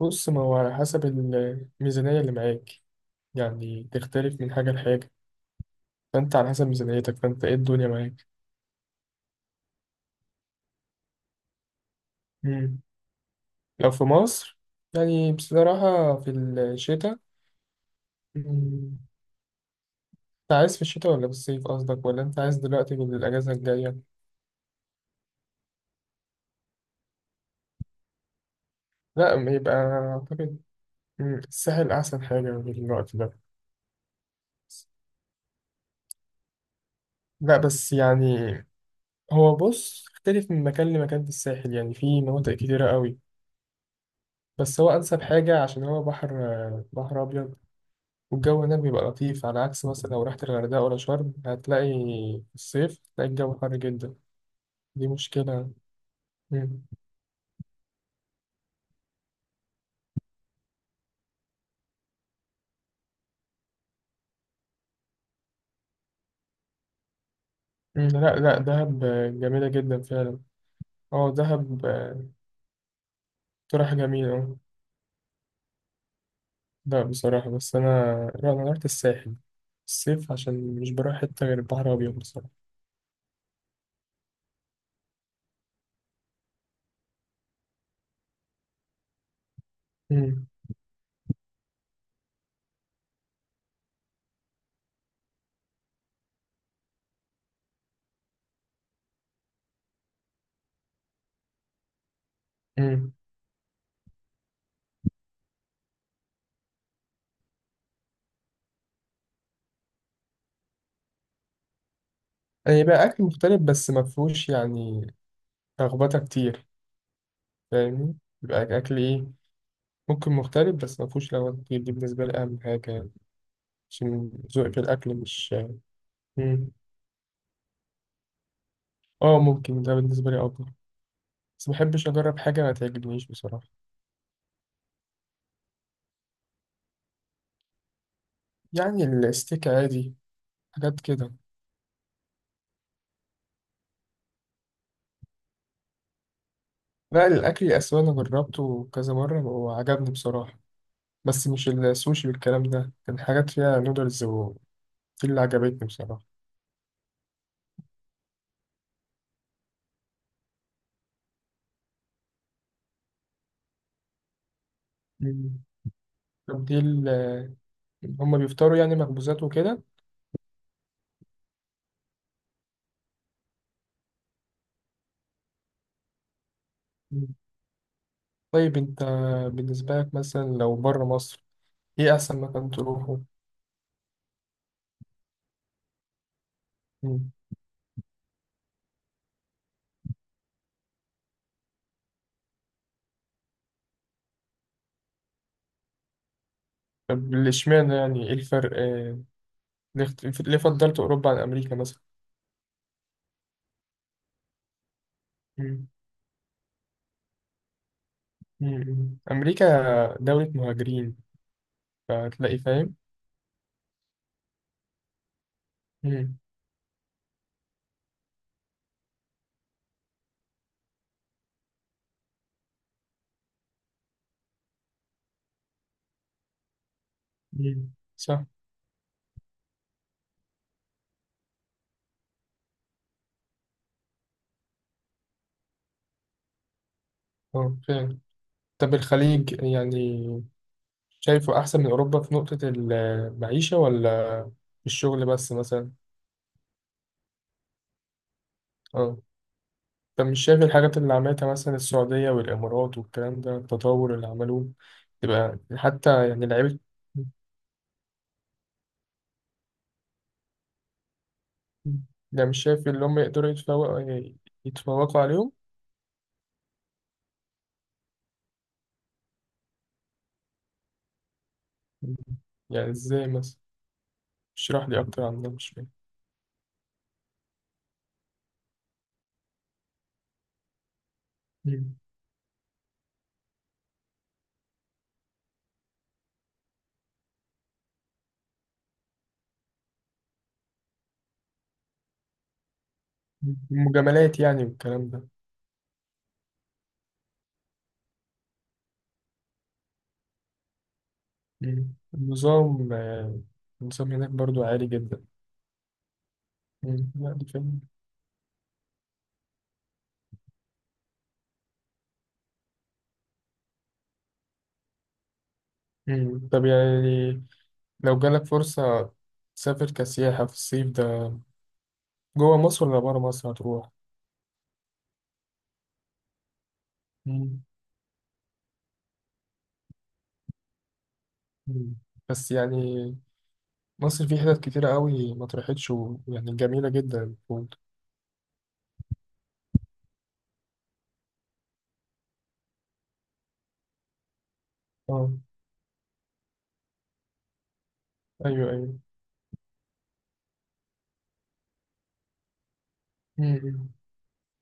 بص، ما هو على حسب الميزانية اللي معاك، يعني تختلف من حاجة لحاجة. فأنت على حسب ميزانيتك، فأنت إيه الدنيا معاك؟ مم. لو في مصر، يعني بصراحة في الشتاء. مم، أنت عايز في الشتاء ولا في الصيف قصدك، ولا أنت عايز دلوقتي في الأجازة الجاية؟ لا، ما يبقى أعتقد. الساحل أحسن حاجة في الوقت ده. لا، بس يعني هو بص اختلف من مكان لمكان في الساحل، يعني في مناطق كتيرة قوي. بس هو أنسب حاجة عشان هو بحر، بحر أبيض. والجو هناك بيبقى لطيف على عكس مثلا لو رحت الغردقة ولا شرم، هتلاقي في الصيف، هتلاقي الجو حر جدا. دي مشكلة. مم. مم. لا، لا، دهب جميلة جدا فعلا. اه، دهب. اقتراح جميل، اه. لا بصراحة، بس أنا، لا، أنا رحت الساحل الصيف عشان مش بروح حتة غير البحر الأبيض بصراحة. مم. مم. يعني بقى أكل مختلف بس مفهوش، يعني، لخبطة كتير. فاهمني؟ يبقى أكل إيه؟ ممكن مختلف بس مفهوش لخبطة كتير، دي بالنسبة لي أهم حاجة، عشان ذوقي في الأكل مش... مم. اه، ممكن ده بالنسبة لي أفضل. بس مبحبش أجرب حاجة ما تعجبنيش بصراحة. يعني الستيك عادي، حاجات كده. لا، الأكل الآسيوي أنا جربته كذا مرة وعجبني بصراحة، بس مش السوشي والكلام ده، كان حاجات فيها نودلز، ودي اللي عجبتني بصراحة. مم. طب هما بيفطروا يعني مخبوزات وكده؟ مم. طيب، أنت بالنسبة لك مثلا لو بره مصر، إيه أحسن مكان تروحه؟ مم. طب، اشمعنى؟ يعني إيه الفرق، ليه ليه فضلت أوروبا عن أمريكا مثلا؟ مم. مم. أمريكا دولة مهاجرين، فتلاقي، فاهم؟ مم. مم. صح. اه، فعلا. طب الخليج، يعني شايفه أحسن من أوروبا في نقطة المعيشة، ولا في الشغل بس مثلا؟ اه. طب، مش شايف الحاجات اللي عملتها مثلا السعودية والإمارات والكلام ده، التطور اللي عملوه؟ تبقى حتى يعني لعيبة. ده، مش شايف اللي هم يقدروا يتفوقوا عليهم؟ يعني ازاي مثلا؟ اشرح لي أكتر عن ده، مش فاهم. مم. المجاملات يعني والكلام ده؟ مم. النظام هناك برضو عالي جدا. مم. يعني فاهم. مم. طب، يعني لو جالك فرصة تسافر كسياحة في الصيف ده، جوه مصر ولا بره مصر هتروح؟ مم. مم. بس يعني مصر فيه حتت كتيرة قوي ما اتروحتش، ويعني جميلة جدا المفروض. اه. أيوه، أيوه. مم.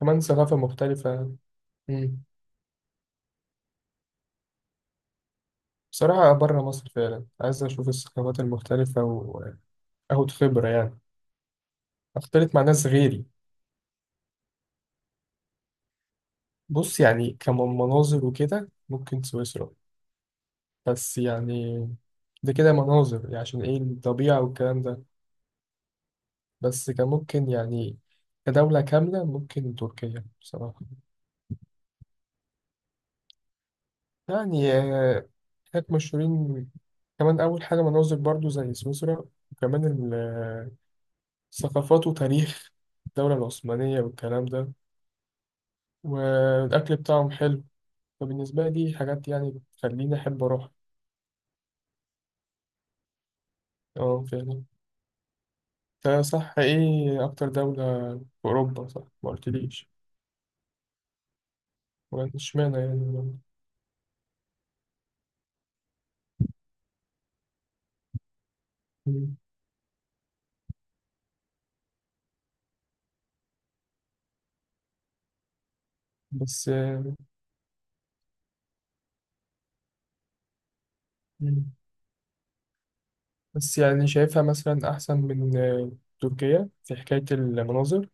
كمان ثقافة مختلفة. مم. بصراحة بره مصر، فعلا عايز أشوف الثقافات المختلفة وآخد خبرة، يعني أختلط مع ناس غيري. بص، يعني كمناظر وكده ممكن سويسرا، بس يعني ده كده مناظر يعني عشان إيه، الطبيعة والكلام ده. بس كممكن يعني، كدولة كاملة ممكن تركيا بصراحة. يعني هناك مشهورين. كمان أول حاجة مناظر برضو زي سويسرا، وكمان الثقافات وتاريخ الدولة العثمانية والكلام ده. والأكل بتاعهم حلو. فبالنسبة لي دي حاجات يعني بتخليني أحب أروح. اه، فعلا. ده صح، إيه أكتر دولة في أوروبا؟ صح، ما قلتليش. ولا اشمعنى يعني؟ مم. بس. مم. بس يعني شايفها مثلا أحسن من تركيا في حكاية المناظر؟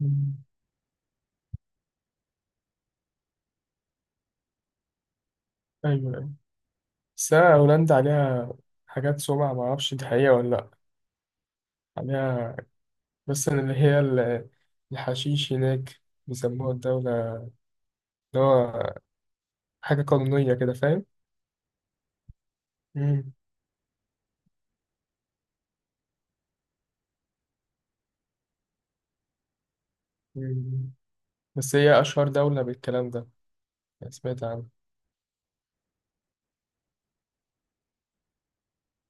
مم. أيوة، أيوة. بس أنا هولندا عليها حاجات سمعة، معرفش دي حقيقة ولا لأ. عليها، بس اللي هي الحشيش هناك، بيسموها الدولة اللي هو حاجة قانونية كده، فاهم؟ مم. مم. بس هي أشهر دولة بالكلام ده، يعني سمعت عنها.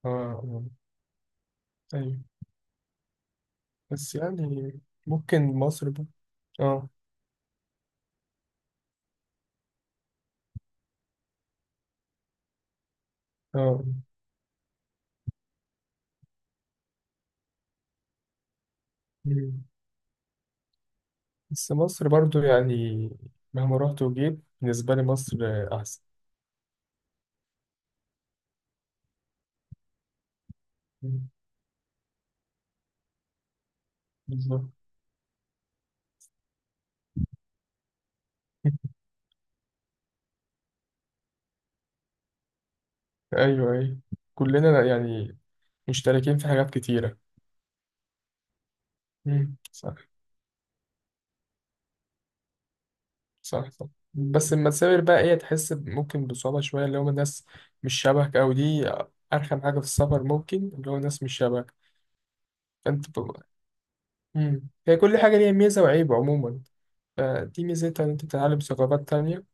آه، آه. أيوة. بس يعني ممكن مصر. آه، آه. مم. بس مصر برضو يعني، مهما رحت وجيت بالنسبة لي مصر أحسن. مم. بالظبط. أيوة، أيوة. كلنا يعني مشتركين في حاجات كتيرة. مم. صح، صح. بس لما تسافر بقى، ايه، تحس ممكن بصعوبة شوية، اللي هم الناس مش شبهك، أو دي أرخم حاجة في السفر، ممكن اللي هو الناس مش شبهك. فأنت بتبقى- مم. هي كل حاجة ليها ميزة وعيب عموما، فدي ميزتها إن أنت تتعلم ثقافات تانية،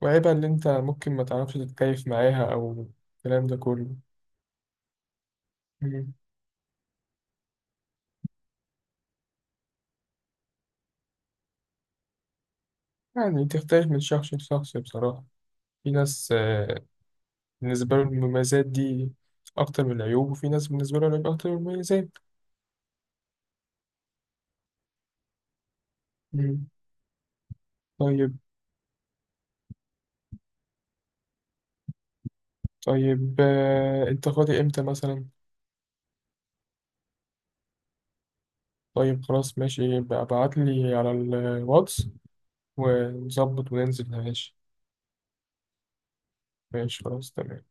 وعيبها إن أنت ممكن ما تعرفش تتكيف معاها، أو الكلام ده كله. مم. يعني تختلف من شخص لشخص بصراحة. في ناس بالنسبة لهم المميزات دي أكتر من العيوب، وفي ناس بالنسبة لهم العيوب أكتر من المميزات. مم. طيب. طيب، انت فاضي امتى مثلا؟ طيب، خلاص، ماشي، يبقى ابعت لي على الواتس ونظبط وننزل، ماشي. ماشي، خلاص، تمام.